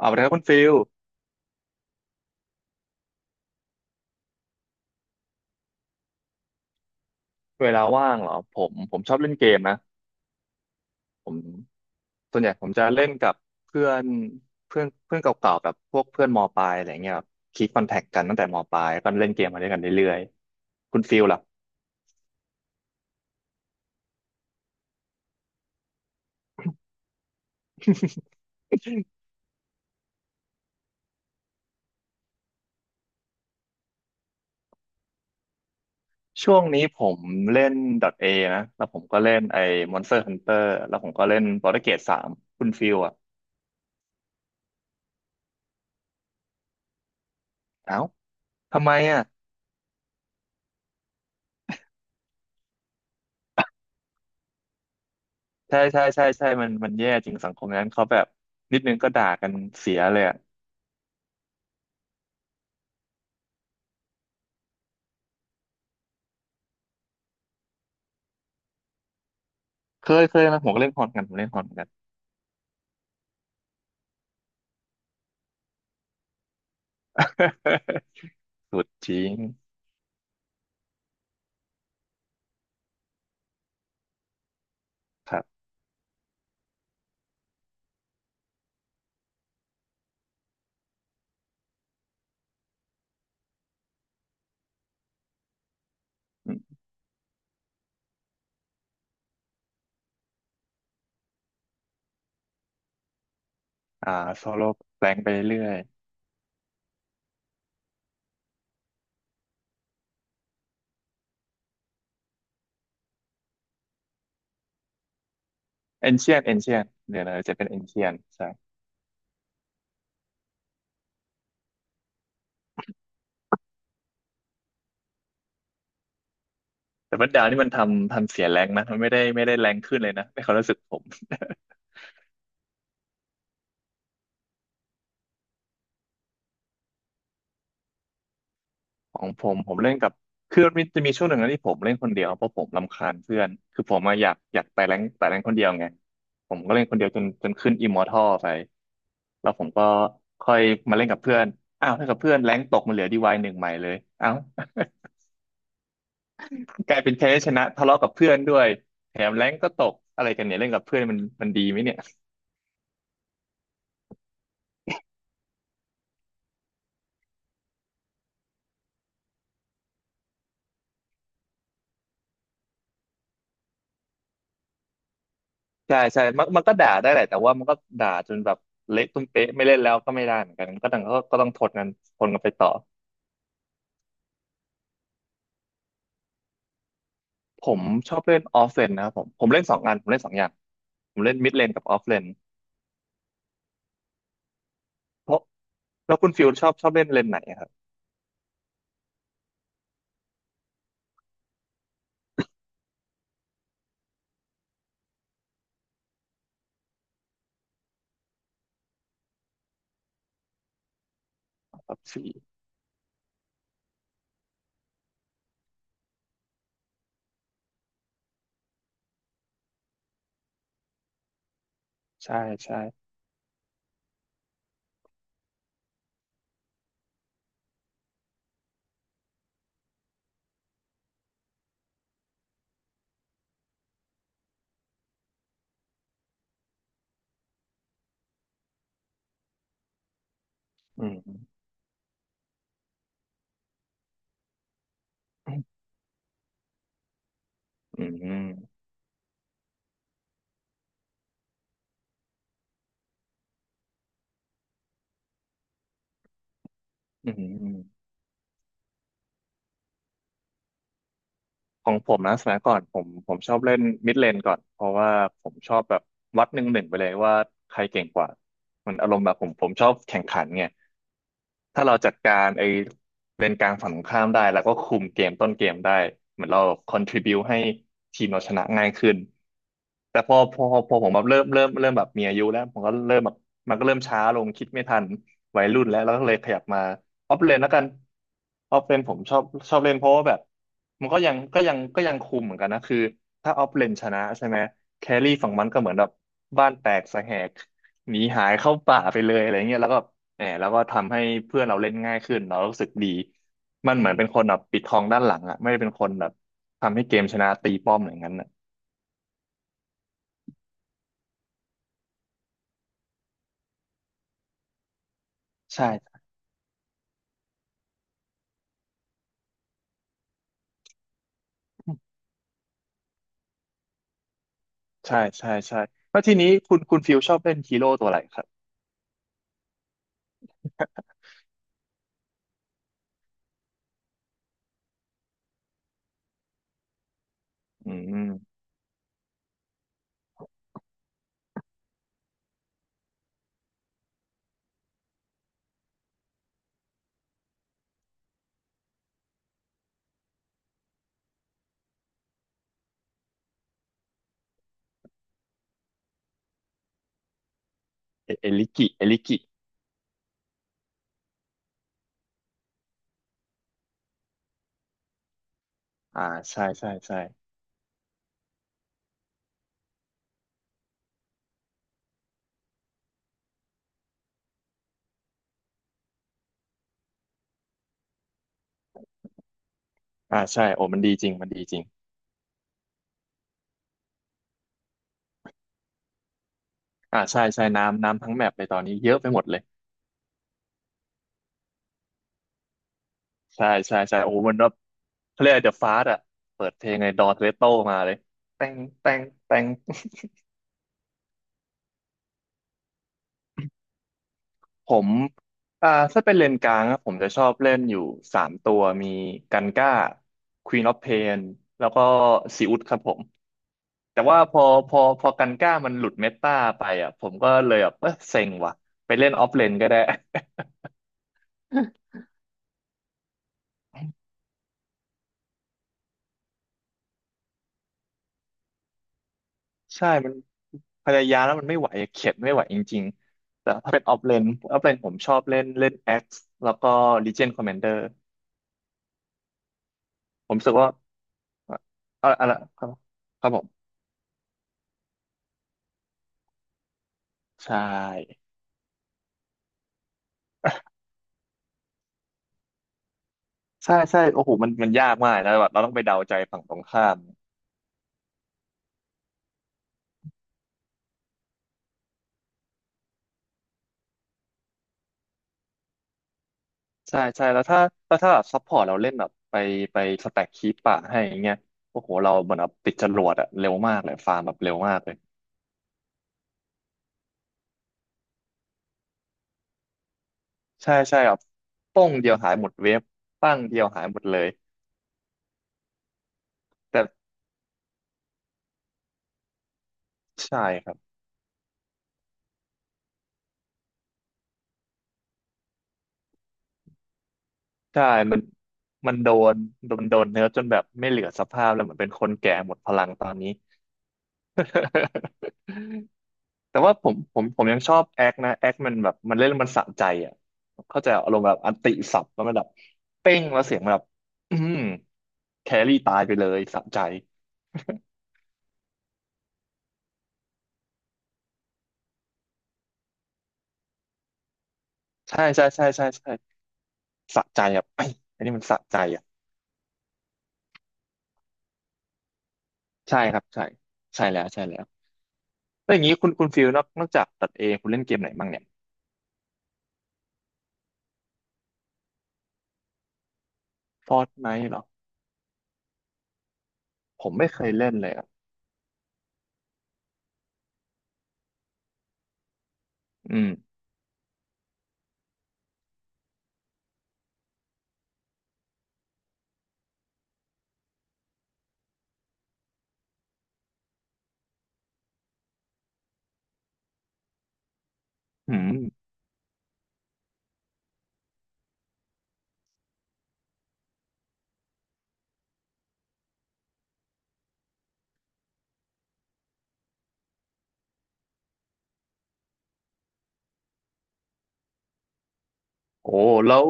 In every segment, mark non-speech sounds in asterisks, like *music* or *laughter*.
สวัสดีครับคุณฟิลเวลาว่างเหรอผมชอบเล่นเกมนะผมส่วนใหญ่ผมจะเล่นกับเพื่อนเพื่อนเพื่อนเก่าๆแบบพวกเพื่อนมปลายอะไรเงี้ยคีปคอนแทคกันตั้งแต่มปลายก็เล่นเกมมาด้วยกันเรื่อยๆคุณฟิลล่ะ *laughs* ช่วงนี้ผมเล่น .A นะแล้วผมก็เล่นไอ้ Monster Hunter แล้วผมก็เล่น Baldur's Gate 3คุณฟิลอ่ะเอ้าทำไมอ่ะใช่ใช่ใช่ใช่มันแย่จริงสังคมนั้นเขาแบบนิดนึงก็ด่ากันเสียเลยอะ เคยนะผมก็เล่นฮอนกันผมเล่นฮอนกัน *laughs* สุดจริงครับอมอ่าโซโล่แปลงไปเรื่อยเอนเชียนเอนเชียนเดี๋ยวนะจะเป็นเอนเชียนใช่แต่บัดดาวนี่มันทำเสียแรงนะมันไม่ได้แรงขึ้นเลยนะในความรู้สึกผม ของผมเล่นกับคือมันมีจะมีช่วงหนึ่งนะที่ผมเล่นคนเดียวเพราะผมรำคาญเพื่อนคือผมมาอะอยากไต่แรงคนเดียวไงผมก็เล่นคนเดียวจนขึ้นอิมมอร์ทัลไปแล้วผมก็ค่อยมาเล่นกับเพื่อนอ้าวถ้ากับเพื่อนแรงตกมันเหลือดีวายหนึ่งใหม่เลยเอ้า *laughs* กลายเป็นแพ้ชนะทะเลาะกับเพื่อนด้วยแถมแรงก็ตกอะไรกันเนี่ยเล่นกับเพื่อนมันดีไหมเนี่ยใช่ใช่มันก็ด่าได้แหละแต่ว่ามันก็ด่าจนแบบเละตุ้มเป๊ะไม่เล่นแล้วก็ไม่ได้เหมือนกันก็ต้องทนกันทนกันไปต่อ ผมชอบเล่นออฟเลนนะครับผมเล่นสองอันผมเล่นสองอย่างผมเล่นมิดเลนกับออฟเลนเพราะแล้วคุณฟิลชอบชอบเล่นเลนไหนอะครับแบบสี่ใช่ใช่อืมอืมอืมอืม ของผมนะสมัยก่อนผมชอบเล่นมิดเลนก่อนเพราะว่าผมชอบแบบวัดหนึ่งหนึ่งไปเลยว่าใครเก่งกว่ามันอารมณ์แบบผมชอบแข่งขันไงถ้าเราจัดการไอ้เลนกลางฝั่งตรงข้ามได้แล้วก็คุมเกมต้นเกมได้เหมือนเรา contribu ให้ทีมเราชนะง่ายขึ้นแต่พอผมแบบเริ่มแบบมีอายุแล้วผมก็เริ่มแบบมันก็เริ่มช้าลงคิดไม่ทันวัยรุ่นแล้วก็เลยขยับมา ออฟเลนแล้วกันออฟเลนผมชอบชอบเล่นเพราะว่าแบบมันก็ยังคุมเหมือนกันนะคือถ้าออฟเลนชนะใช่ไหมแครี่ฝั่งมันก็เหมือนแบบบ้านแตกสะแหกหนีหายเข้าป่าไปเลยอะไรเงี้ยแล้วก็แหมแล้วก็ทำให้เพื่อนเราเล่นง่ายขึ้นเรารู้สึกดีมันเหมือนเป็นคนแบบปิดทองด้านหลังอ่ะไม่ได้เป็นคนแบบทำให้เกมชนะตีป้อมอย่างนั้นอ่ะใช่ใช่ใช่ใช่แล้วทีนี้คุณคุณฟิลชอบเล่นฮีโร่ตัวอะไรครับอืมเอเอลิกิเอลิกิอ่าใช่ใช่ใช่ อ่าใช่โอ้มันดีจริงมันดีจริงอ่าใช่ใช่น้ำทั้งแมปเลยตอนนี้เยอะไปหมดเลยใช่ใช่ใช่โอ้มันแบบเขาเรียกเดอะฟาสอะเปิดเพลงในดอ์เรโต้มาเลยแตงแตงแตง *laughs* ผมอ่าถ้าเป็นเลนกลางอะผมจะชอบเล่นอยู่สามตัวมีกันก้า Queen of Pain แล้วก็ซีอุดครับผมแต่ว่าพอกันก้ามันหลุดเมตาไปอ่ะผมก็เลยแบบเออเซ็งว่ะไปเล่นออฟเลนก็ได้ *laughs* ใช่มัน พยายามแล้วมันไม่ไหวอะเข็ดไม่ไหวจริงๆแต่ถ้าเป็นออฟเลนออฟเลนผมชอบเล่นเล่นแอ็กซ์แล้วก็ลีเจียนคอม m มนเดอร์ผมรู้สึกว่าเอออะไรครับครับผมใช่ใช่ใช่โอ้โหมันมันยากมากนะแบบเราต้องไปเดาใจฝั่งตรงข้ามใช่ใช่แล้วถ้าแล้วถ้าแบบซัพพอร์ตเราเล่นแบบไปสแต็กคีปป่าให้อย่างเงี้ยโอ้โหเราเหมือนแบบติดจรวดอะเร็วมากเลยฟาร์มแบบเร็วมากเลยใช่ใช่แบบป้งเดียวหายหมดเวฟปั้งเดียวหายหมดเลยแต่ใช่ครับ ใช่มันมันโดนเนื้อจนแบบไม่เหลือสภาพแล้วเหมือนเป็นคนแก่หมดพลังตอนนี้ *laughs* แต่ว่าผมยังชอบแอคนะแอคมันแบบมันเล่นแล้วมันสะใจอ่ะเข้าใจอารมณ์แบบอันติสับแล้วมันแบบเป้งแล้วเสียงแบบอืมแครี่ตายไปเลยสะใจ ใช่ ใช่ใช่ใช่ใช่สะใจอ่ะไอยอันนี้มันสะใจอ่ะใช่ครับ ใช่ ใช่แล้วใช่แล้วแล้วอย่างนี้คุณคุณฟิลนอกจากตัดเองคุณเล่นเกมไหนบ้างเนี่ยฟอร์ตไนท์เหรอ ผมไม่เคยเล่นเลยอ่ะอืม อืมโอ้แล้ว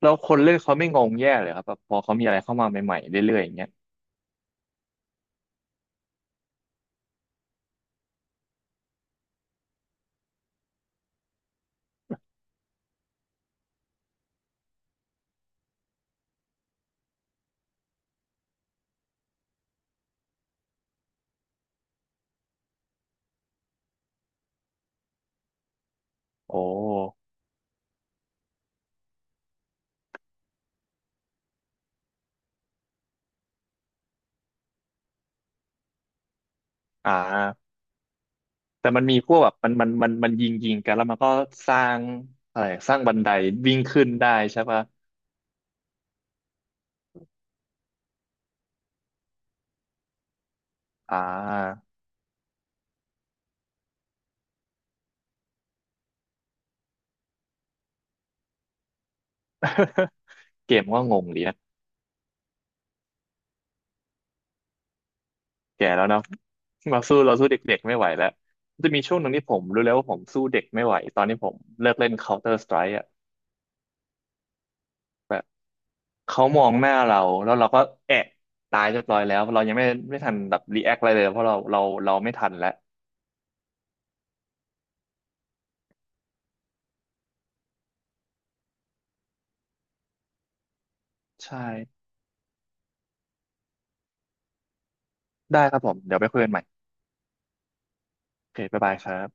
แล้วคนเล่นเขาไม่งงแย่เลยครับแบบพอเขามีอะไรเข้ามาใหม่ๆเรื่อยๆอย่างเงี้ยโอ้อ่าแต่มันมีพวกแบบมันยิงยิงกันแล้วมันก็สร้างอะไรสร้างบันไดวิ่งขึ้นได้ใช่ปะอ่า *laughs* เกมก็งงดีนะแก่แล้วเนาะมาสู้เราสู้เด็กๆไม่ไหวแล้วจะมีช่วงหนึ่งที่ผมรู้แล้วว่าผมสู้เด็กไม่ไหวตอนนี้ผมเลิกเล่น Counter Strike อะ เขามองหน้าเราแล้วเราก็แอะตายเรียบร้อยแล้วเรายังไม่ทันแบบรีแอคอะไรเลยเพราะเราไม่ทันแล้วใช่ได้ครับผมเดี๋ยวไปคุยกันใหม่โอเคบ๊ายบายครับ